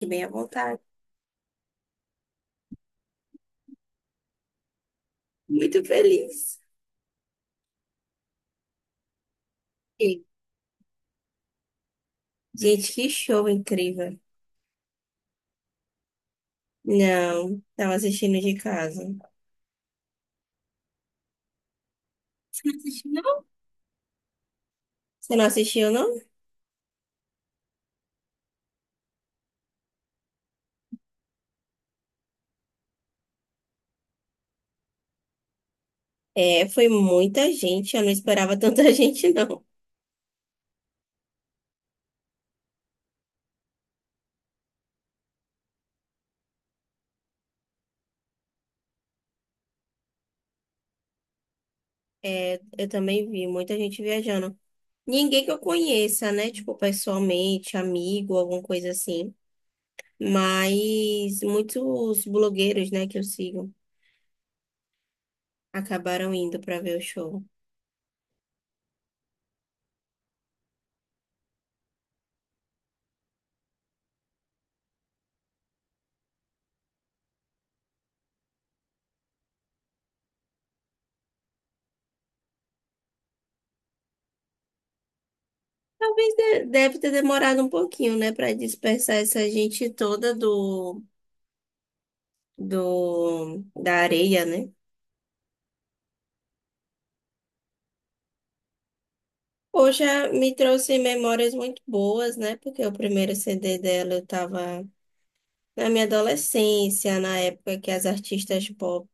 Fique bem à vontade. Muito feliz. E, Gente, que show incrível. Não, tava assistindo de casa. Você não assistiu, não? Você não assistiu, não? É, foi muita gente. Eu não esperava tanta gente, não. É, eu também vi muita gente viajando. Ninguém que eu conheça, né? Tipo, pessoalmente, amigo, alguma coisa assim. Mas muitos blogueiros, né, que eu sigo, acabaram indo pra ver o show. Talvez deve ter demorado um pouquinho, né, para dispersar essa gente toda do, da areia, né? Poxa, me trouxe memórias muito boas, né? Porque o primeiro CD dela eu tava na minha adolescência, na época que as artistas pop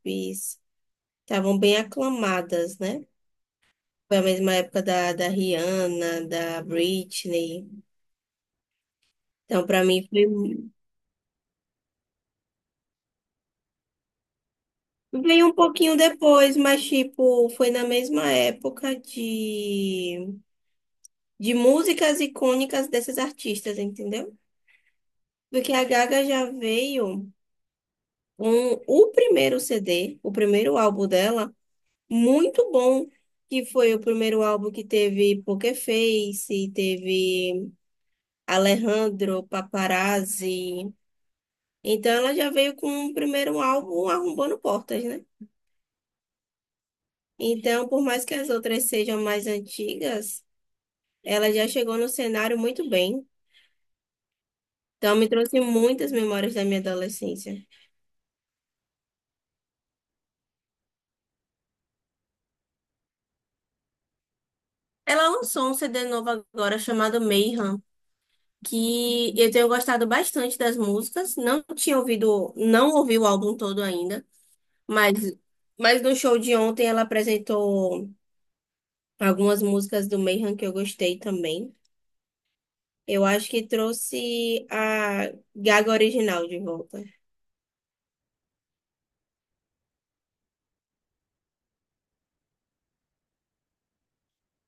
estavam bem aclamadas, né? Foi a mesma época da, Rihanna, da Britney. Então, para mim, veio um pouquinho depois, mas, tipo, foi na mesma época de músicas icônicas desses artistas, entendeu? Porque a Gaga já veio com o primeiro CD, o primeiro álbum dela, muito bom, que foi o primeiro álbum que teve Poker Face, teve Alejandro, Paparazzi. Então ela já veio com o primeiro álbum arrombando portas, né? Então, por mais que as outras sejam mais antigas, ela já chegou no cenário muito bem. Então, me trouxe muitas memórias da minha adolescência. Ela lançou um CD novo agora chamado Mayhem, que eu tenho gostado bastante das músicas. Não tinha ouvido, não ouvi o álbum todo ainda, mas, no show de ontem ela apresentou algumas músicas do Mayhem que eu gostei também. Eu acho que trouxe a Gaga original de volta.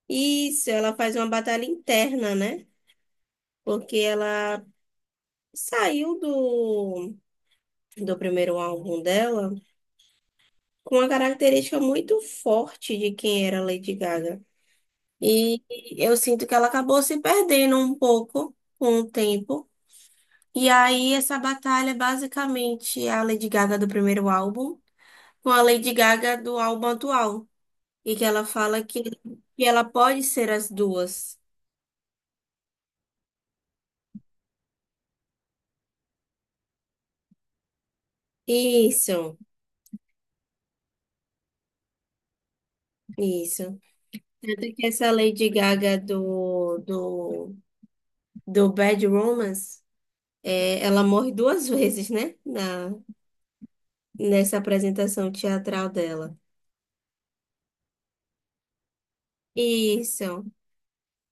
Isso, ela faz uma batalha interna, né? Porque ela saiu do, primeiro álbum dela, com uma característica muito forte de quem era Lady Gaga. E eu sinto que ela acabou se perdendo um pouco com o tempo. E aí, essa batalha é basicamente a Lady Gaga do primeiro álbum com a Lady Gaga do álbum atual. E que ela fala que, ela pode ser as duas. Isso, isso. Tanto que essa Lady Gaga do, Bad Romance, é, ela morre duas vezes, né? Nessa apresentação teatral dela. Isso.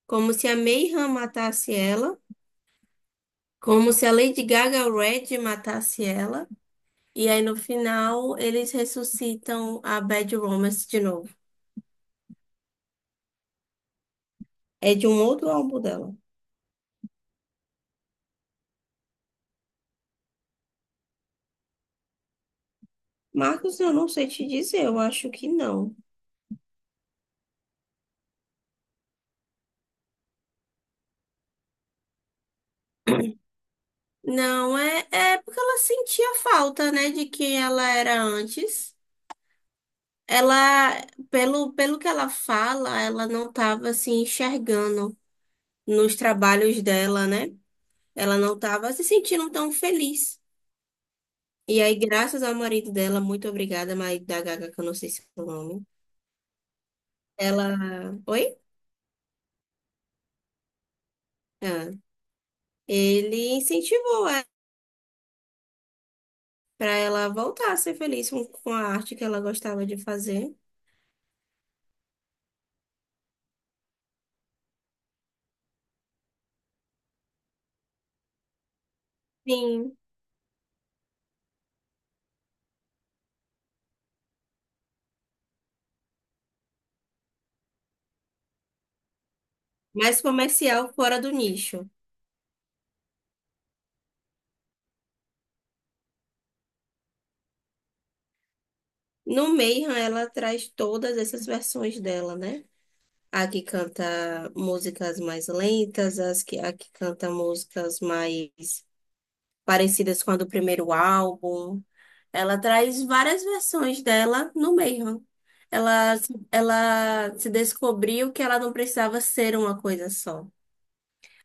Como se a Mayhem matasse ela, como se a Lady Gaga Red matasse ela, e aí no final eles ressuscitam a Bad Romance de novo. É de um outro álbum dela. Marcos, eu não sei te dizer, eu acho que não. Não, é, porque ela sentia falta, né, de quem ela era antes. Ela, Pelo, que ela fala, ela não estava se enxergando nos trabalhos dela, né? Ela não estava se sentindo tão feliz. E aí, graças ao marido dela, muito obrigada, marido da Gaga, que eu não sei se é o nome. Ela. Oi? Ah, ele incentivou ela para ela voltar a ser feliz com, a arte que ela gostava de fazer. Sim. Mais comercial, fora do nicho. No Mayhem, ela traz todas essas versões dela, né? A que canta músicas mais lentas, a que canta músicas mais parecidas com a do primeiro álbum. Ela traz várias versões dela no meio. Ela, ela se descobriu que ela não precisava ser uma coisa só.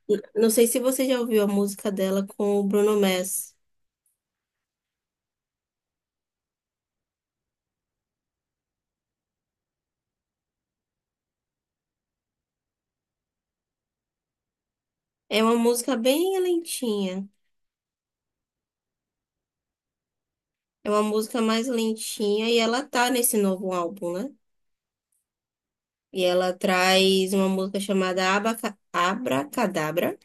Não sei se você já ouviu a música dela com o Bruno Mars. É uma música bem lentinha. É uma música mais lentinha e ela tá nesse novo álbum, né? E ela traz uma música chamada Abracadabra,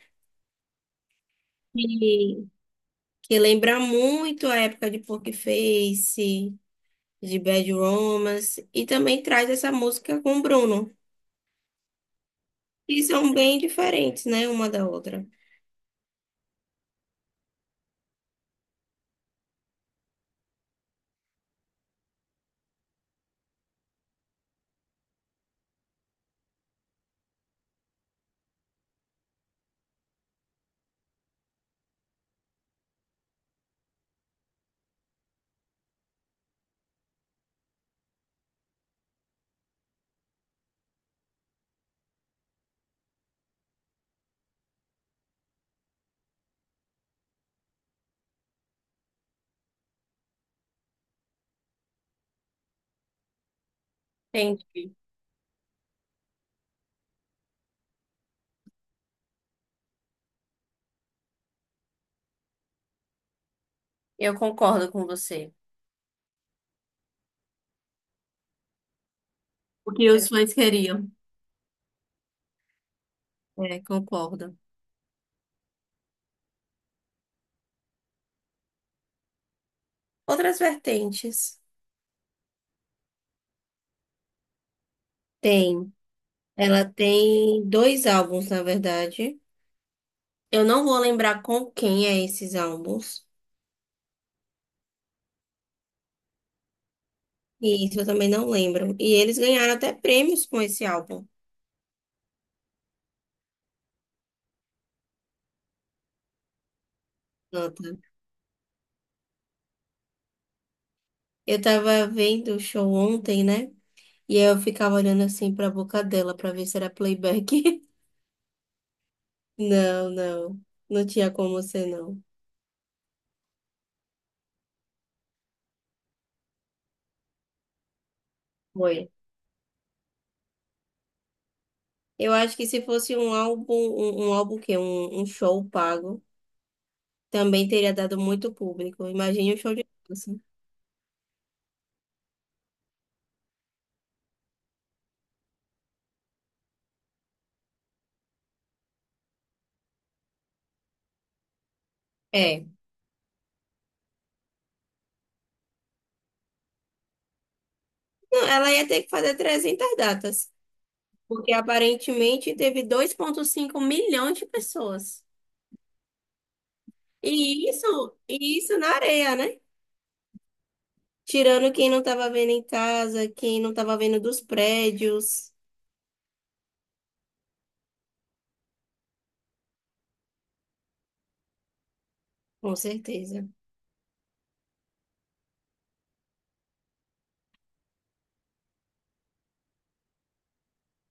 que, lembra muito a época de Poker Face, de Bad Romance, e também traz essa música com o Bruno, que são bem diferentes, né, uma da outra. Entendi. Eu concordo com você. O que os fãs queriam. É, concordo. Outras vertentes. Tem. Ela tem dois álbuns, na verdade. Eu não vou lembrar com quem é esses álbuns. E isso eu também não lembro. E eles ganharam até prêmios com esse álbum. Nota. Eu tava vendo o show ontem, né? E aí eu ficava olhando assim pra boca dela pra ver se era playback. Não, não. Não tinha como ser, não. Foi. Eu acho que se fosse um álbum, um álbum que um show pago, também teria dado muito público. Imagine um show de dança. É. Não, ela ia ter que fazer 300 datas, porque aparentemente teve 2,5 milhões de pessoas. E isso, e isso na areia, né? Tirando quem não estava vendo em casa, quem não estava vendo dos prédios. Com certeza.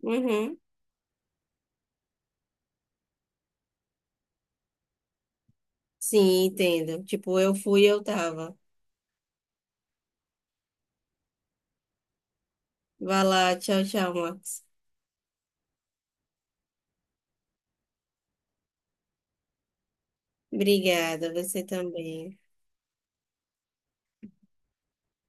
Uhum. Sim, entendo. Tipo, eu tava. Vai lá, tchau, tchau, Marcos. Obrigada, você também.